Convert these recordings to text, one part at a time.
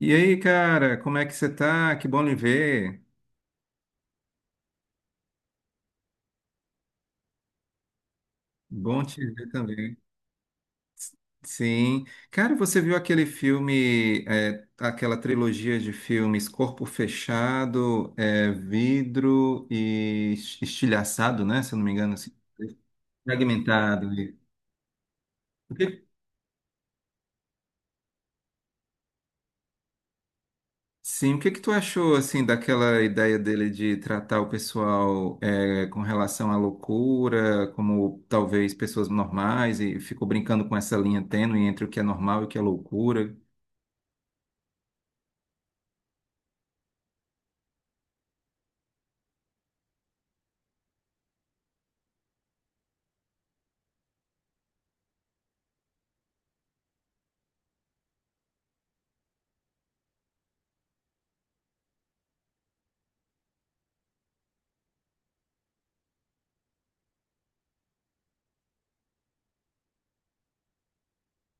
E aí, cara, como é que você tá? Que bom lhe ver. Bom te ver também. Sim. Cara, você viu aquele filme, aquela trilogia de filmes Corpo Fechado, Vidro e Estilhaçado, né? Se eu não me engano, assim. Fragmentado. O que Sim, o que que tu achou assim daquela ideia dele de tratar o pessoal com relação à loucura, como talvez pessoas normais, e ficou brincando com essa linha tênue entre o que é normal e o que é loucura?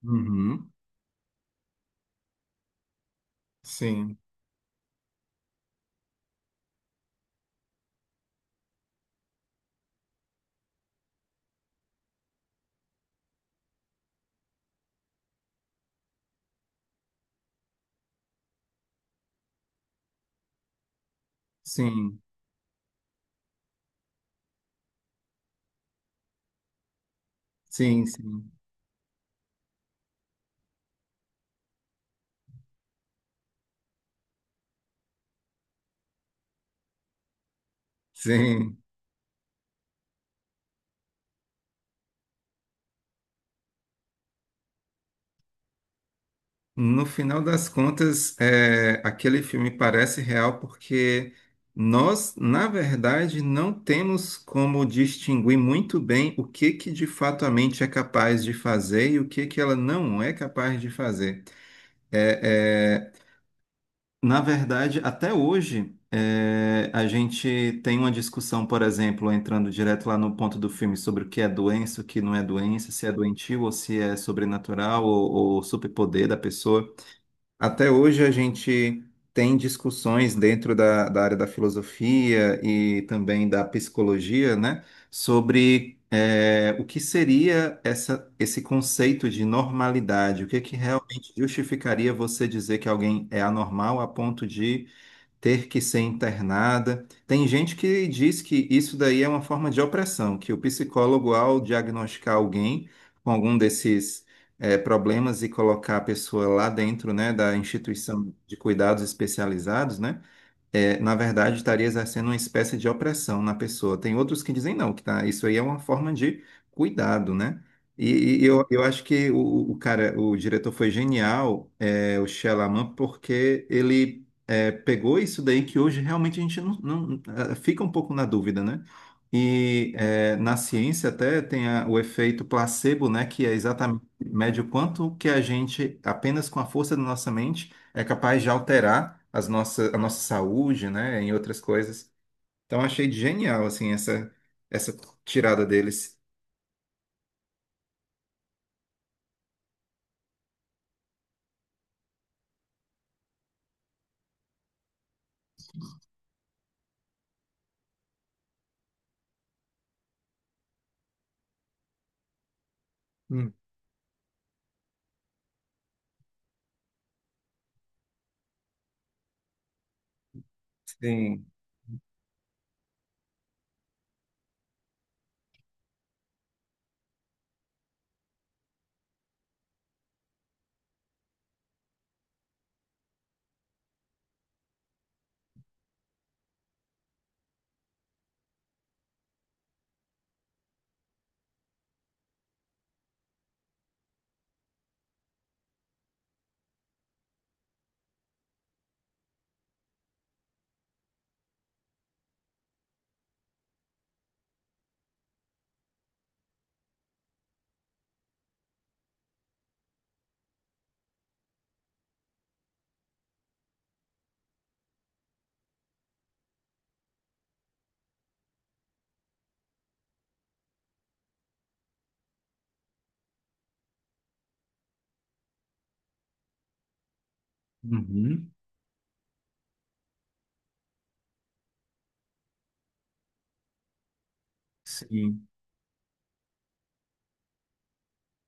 Uhum. Sim, sim, sim, sim, sim. No final das contas, aquele filme parece real porque nós, na verdade, não temos como distinguir muito bem o que que de fato a mente é capaz de fazer e o que que ela não é capaz de fazer. É, é, na verdade, até hoje, a gente tem uma discussão, por exemplo, entrando direto lá no ponto do filme sobre o que é doença, o que não é doença, se é doentio ou se é sobrenatural ou superpoder da pessoa. Até hoje a gente tem discussões dentro da área da filosofia e também da psicologia, né, sobre o que seria essa, esse conceito de normalidade, o que que realmente justificaria você dizer que alguém é anormal a ponto de ter que ser internada. Tem gente que diz que isso daí é uma forma de opressão, que o psicólogo, ao diagnosticar alguém com algum desses problemas e colocar a pessoa lá dentro, né, da instituição de cuidados especializados, né? É, na verdade, estaria exercendo uma espécie de opressão na pessoa. Tem outros que dizem não, que tá, isso aí é uma forma de cuidado, né? E eu acho que o cara, o diretor foi genial, é, o Shyamalan, porque ele é, pegou isso daí que hoje realmente a gente não- ah, fica um pouco na dúvida, né? E é, na ciência até tem a- o efeito placebo, né? Que é exatamente mede o quanto que a gente, apenas com a força da nossa mente, é capaz de alterar as a nossa saúde, né, em outras coisas. Então achei genial assim essa tirada deles. Hum. Sim. Uhum. Sim.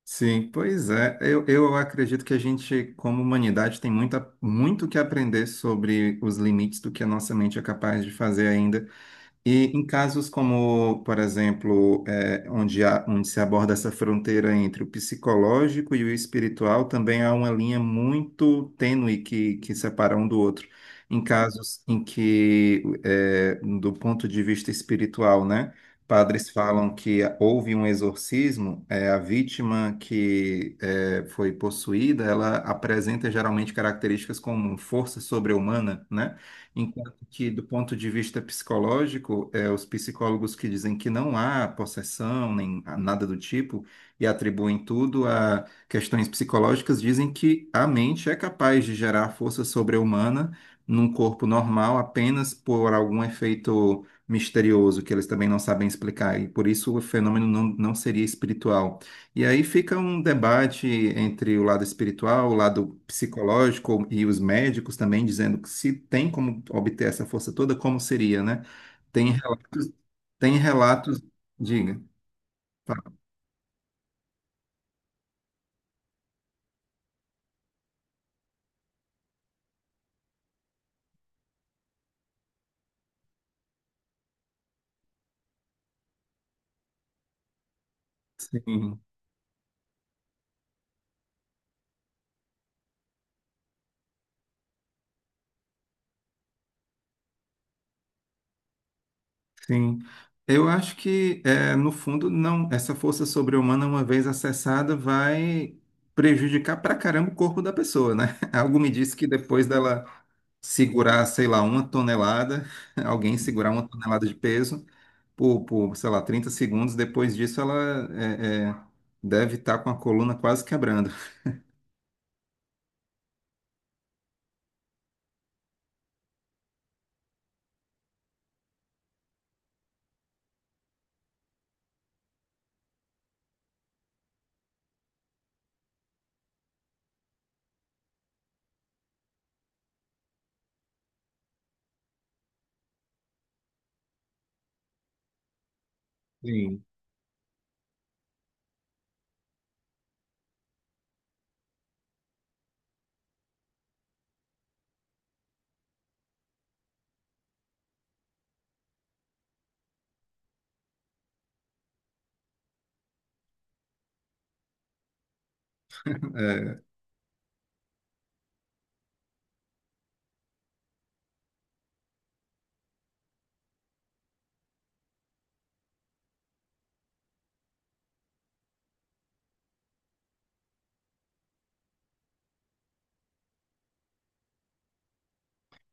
Sim, pois é. Eu acredito que a gente, como humanidade, tem muito que aprender sobre os limites do que a nossa mente é capaz de fazer ainda. E em casos como, por exemplo, onde há- onde se aborda essa fronteira entre o psicológico e o espiritual, também há uma linha muito tênue que separa um do outro. Em casos em que, do ponto de vista espiritual, né, padres falam que houve um exorcismo, eh, a vítima que eh, foi possuída, ela apresenta geralmente características como força sobre-humana, né? Enquanto que, do ponto de vista psicológico, os psicólogos que dizem que não há possessão, nem há nada do tipo, e atribuem tudo a questões psicológicas, dizem que a mente é capaz de gerar força sobre-humana num corpo normal apenas por algum efeito misterioso que eles também não sabem explicar, e por isso o fenômeno não seria espiritual. E aí fica um debate entre o lado espiritual, o lado psicológico e os médicos também dizendo que se tem como obter essa força toda, como seria, né? Tem relatos, tem relatos, diga. Tá, sim, sim. Eu acho que é, no fundo não, essa força sobre-humana uma vez acessada vai prejudicar pra caramba o corpo da pessoa, né? Algo me disse que depois dela segurar, sei lá, uma tonelada, alguém segurar uma tonelada de peso por, sei lá, 30 segundos. Depois disso, ela é, é, deve estar com a coluna quase quebrando. Sim. É,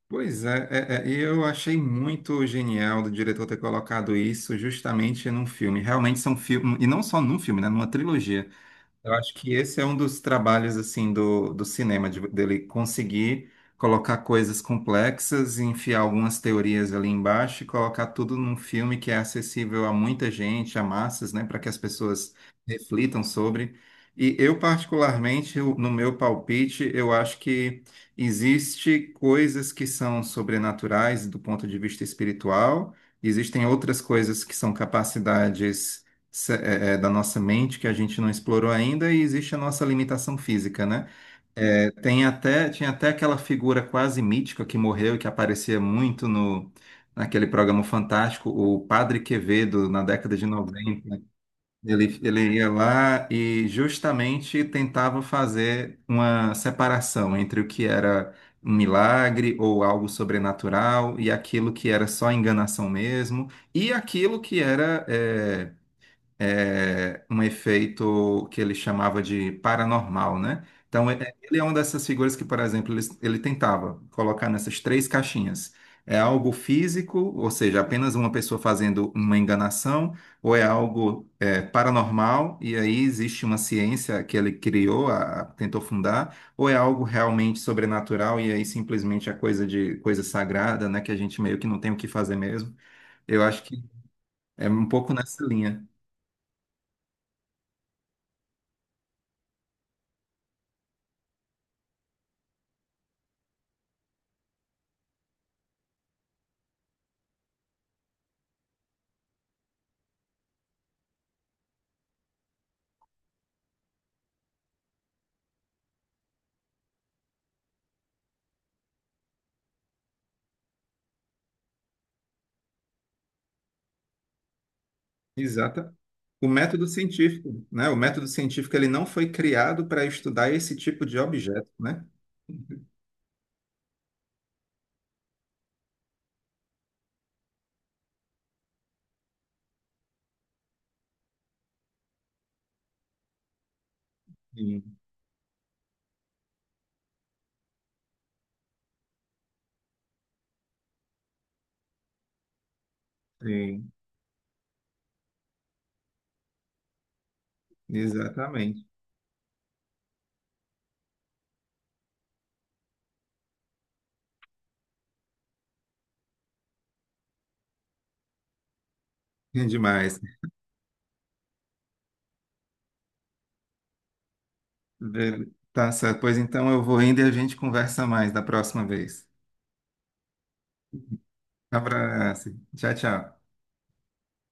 pois é, e eu achei muito genial do diretor ter colocado isso justamente num filme. Realmente são filmes, e não só num filme, né, numa trilogia. Eu acho que esse é um dos trabalhos assim do cinema, de- dele conseguir colocar coisas complexas e enfiar algumas teorias ali embaixo e colocar tudo num filme que é acessível a muita gente, a massas, né, para que as pessoas reflitam sobre. E eu, particularmente, no meu palpite, eu acho que existe coisas que são sobrenaturais do ponto de vista espiritual, existem outras coisas que são capacidades se- da nossa mente que a gente não explorou ainda e existe a nossa limitação física, né? É, tem até, tinha até aquela figura quase mítica que morreu e que aparecia muito no, naquele programa fantástico, o Padre Quevedo, na década de 90. Ele ia lá e justamente tentava fazer uma separação entre o que era um milagre ou algo sobrenatural e aquilo que era só enganação mesmo e aquilo que era um efeito que ele chamava de paranormal, né? Então, é- ele é uma dessas figuras que, por exemplo, ele tentava colocar nessas três caixinhas. É algo físico, ou seja, apenas uma pessoa fazendo uma enganação, ou é algo paranormal, e aí existe uma ciência que ele criou, a- tentou fundar, ou é algo realmente sobrenatural, e aí simplesmente é coisa de coisa sagrada, né? Que a gente meio que não tem o que fazer mesmo. Eu acho que é um pouco nessa linha. Exata. O método científico, né? O método científico ele não foi criado para estudar esse tipo de objeto, né? Sim, sim, exatamente. É demais. Ver- Tá certo. Pois então eu vou indo e a gente conversa mais da próxima vez. Abraço. Tchau, tchau.